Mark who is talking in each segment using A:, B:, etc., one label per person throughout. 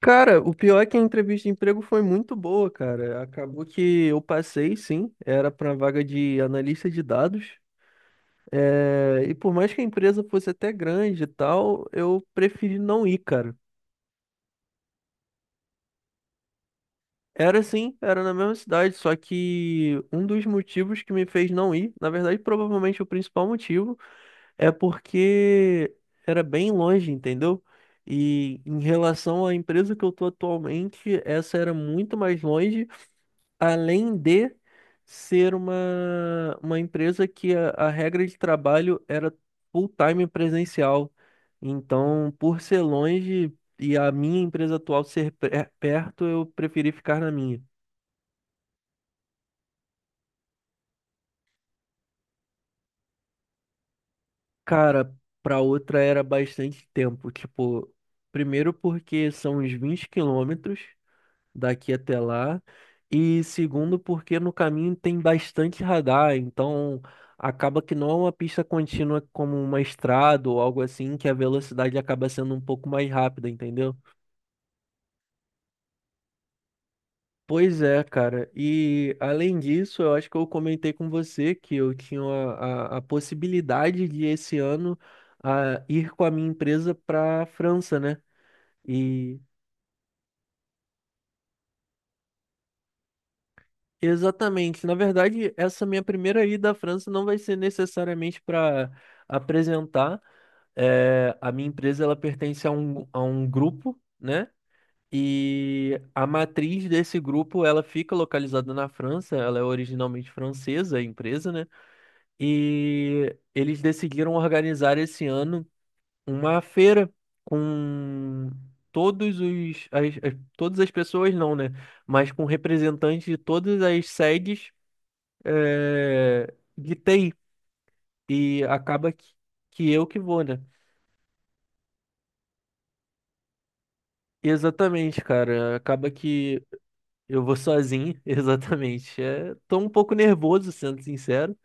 A: Cara, o pior é que a entrevista de emprego foi muito boa, cara. Acabou que eu passei, sim, era para vaga de analista de dados. É, e por mais que a empresa fosse até grande e tal, eu preferi não ir, cara. Era sim, era na mesma cidade, só que um dos motivos que me fez não ir, na verdade, provavelmente o principal motivo, é porque era bem longe, entendeu? E em relação à empresa que eu tô atualmente, essa era muito mais longe. Além de ser uma empresa que a regra de trabalho era full-time presencial. Então, por ser longe e a minha empresa atual ser perto, eu preferi ficar na minha. Cara, para outra era bastante tempo. Tipo, primeiro porque são uns 20 quilômetros daqui até lá. E segundo, porque no caminho tem bastante radar, então acaba que não é uma pista contínua como uma estrada ou algo assim, que a velocidade acaba sendo um pouco mais rápida, entendeu? Pois é, cara. E além disso, eu acho que eu comentei com você que eu tinha a possibilidade de esse ano ir com a minha empresa para a França, né? E Exatamente. Na verdade, essa minha primeira ida à França não vai ser necessariamente para apresentar. É, a minha empresa ela pertence a um grupo, né? E a matriz desse grupo ela fica localizada na França. Ela é originalmente francesa, a empresa, né? E eles decidiram organizar esse ano uma feira com todos os as- as- todas as pessoas, não, né? Mas com representantes de todas as sedes, é, gritei, e acaba que eu que vou, né? Exatamente, cara. Acaba que eu vou sozinho, exatamente. É, tô um pouco nervoso, sendo sincero,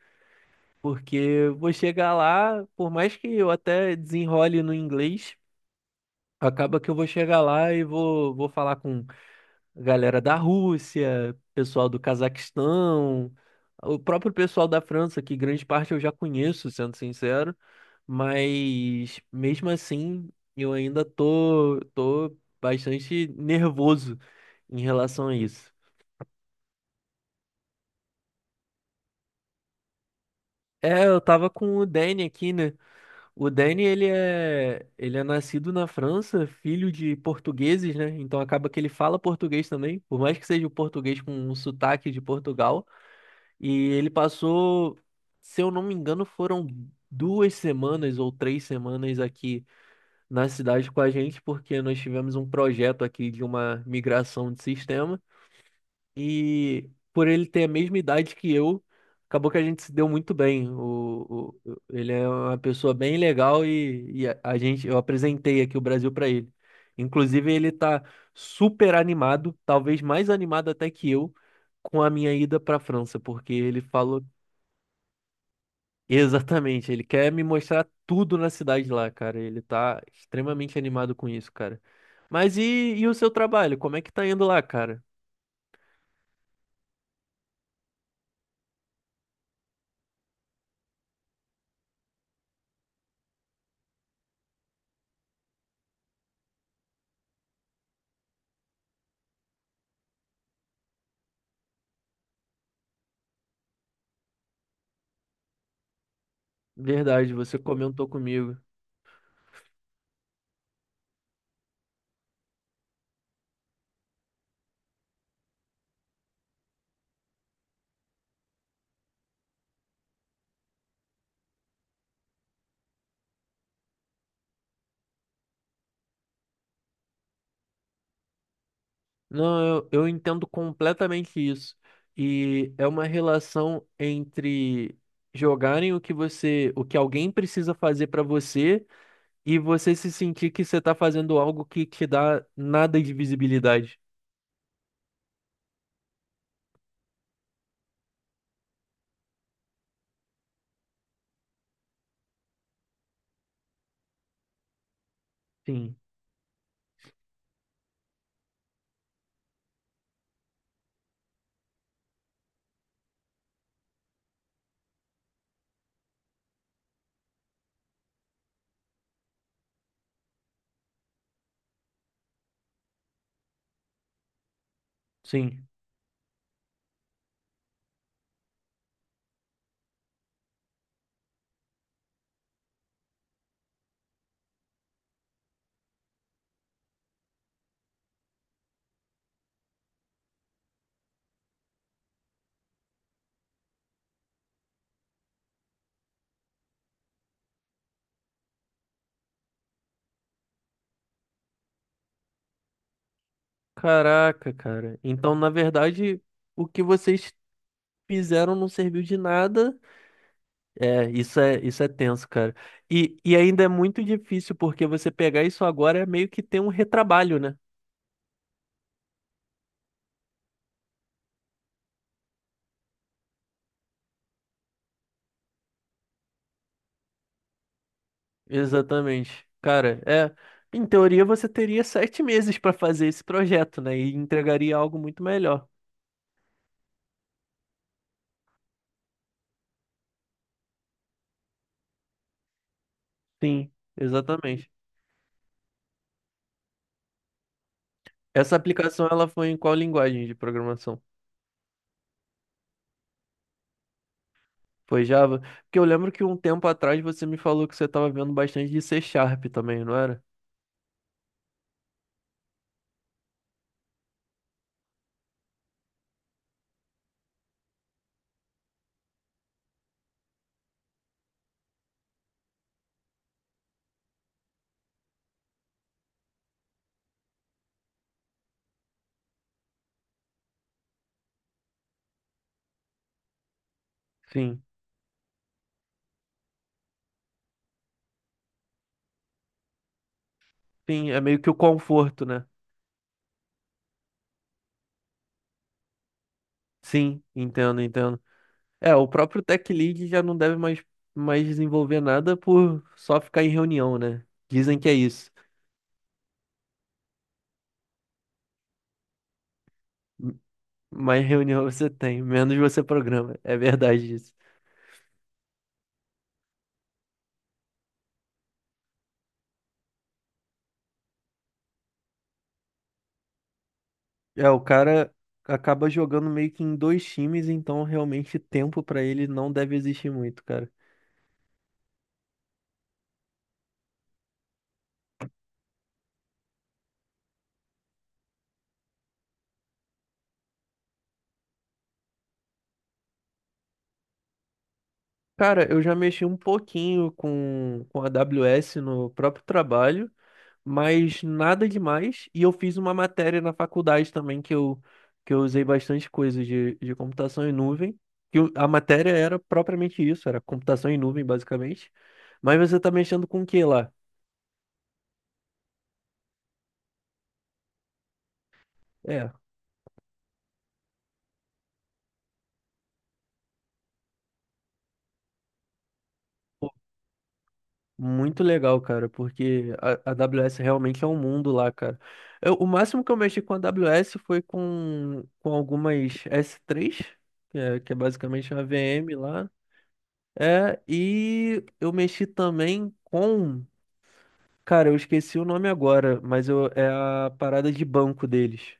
A: porque eu vou chegar lá, por mais que eu até desenrole no inglês, acaba que eu vou chegar lá e vou falar com a galera da Rússia, pessoal do Cazaquistão, o próprio pessoal da França, que grande parte eu já conheço, sendo sincero. Mas mesmo assim, eu ainda tô bastante nervoso em relação a isso. É, eu tava com o Danny aqui, né? O Danny, ele é nascido na França, filho de portugueses, né? Então acaba que ele fala português também, por mais que seja o português com um sotaque de Portugal. E ele passou, se eu não me engano, foram 2 semanas ou 3 semanas aqui na cidade com a gente, porque nós tivemos um projeto aqui de uma migração de sistema e por ele ter a mesma idade que eu, acabou que a gente se deu muito bem. Ele é uma pessoa bem legal e a gente, eu apresentei aqui o Brasil para ele. Inclusive, ele tá super animado, talvez mais animado até que eu, com a minha ida para a França. Porque ele falou Exatamente, ele quer me mostrar tudo na cidade lá, cara. Ele tá extremamente animado com isso, cara. Mas e o seu trabalho? Como é que tá indo lá, cara? Verdade, você comentou comigo. Não, eu entendo completamente isso. E é uma relação entre jogarem o que você, o que alguém precisa fazer pra você e você se sentir que você tá fazendo algo que te dá nada de visibilidade. Sim, sim. Caraca, cara. Então, na verdade, o que vocês fizeram não serviu de nada. É, isso é tenso, cara. E ainda é muito difícil, porque você pegar isso agora é meio que ter um retrabalho, né? Exatamente. Cara, é. Em teoria, você teria 7 meses para fazer esse projeto, né? E entregaria algo muito melhor. Sim, exatamente. Essa aplicação, ela foi em qual linguagem de programação? Foi Java? Porque eu lembro que um tempo atrás você me falou que você estava vendo bastante de C Sharp também, não era? Sim. Sim, é meio que o conforto, né? Sim, entendo, entendo. É, o próprio Tech Lead já não deve mais desenvolver nada por só ficar em reunião, né? Dizem que é isso. M- Mais reunião você tem, menos você programa. É verdade isso. É, o cara acaba jogando meio que em dois times, então realmente tempo pra ele não deve existir muito, cara. Cara, eu já mexi um pouquinho com a AWS no próprio trabalho, mas nada demais. E eu fiz uma matéria na faculdade também que eu usei bastante coisa de computação em nuvem. Que a matéria era propriamente isso, era computação em nuvem, basicamente. Mas você tá mexendo com o que lá? É. Muito legal, cara, porque a AWS realmente é um mundo lá, cara. O máximo que eu mexi com a AWS foi com algumas S3, que é basicamente uma VM lá. É, e eu mexi também com. Cara, eu esqueci o nome agora, mas eu, é a parada de banco deles.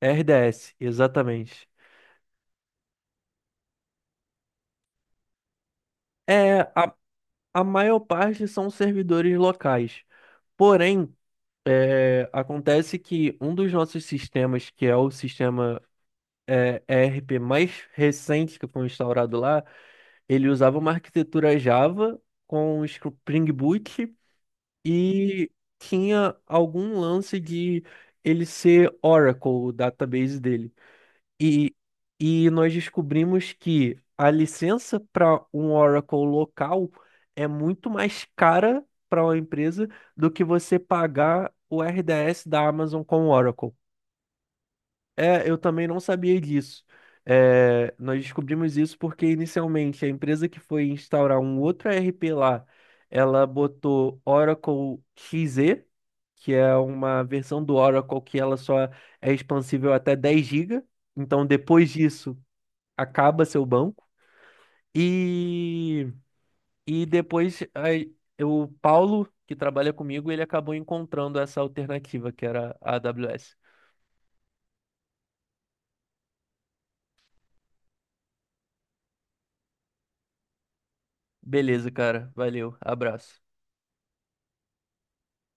A: RDS, exatamente. É, a maior parte são servidores locais. Porém. É, acontece que um dos nossos sistemas, que é o sistema ERP mais recente que foi instaurado lá, ele usava uma arquitetura Java com Spring Boot e tinha algum lance de ele ser Oracle, o database dele. E, e nós descobrimos que a licença para um Oracle local é muito mais cara para uma empresa do que você pagar o RDS da Amazon com o Oracle. É, eu também não sabia disso. É, nós descobrimos isso porque inicialmente a empresa que foi instaurar um outro ERP lá, ela botou Oracle XE, que é uma versão do Oracle que ela só é expansível até 10 GB. Então, depois disso, acaba seu banco. E, e depois aí, o Paulo, que trabalha comigo, ele acabou encontrando essa alternativa que era a AWS. Beleza, cara. Valeu. Abraço.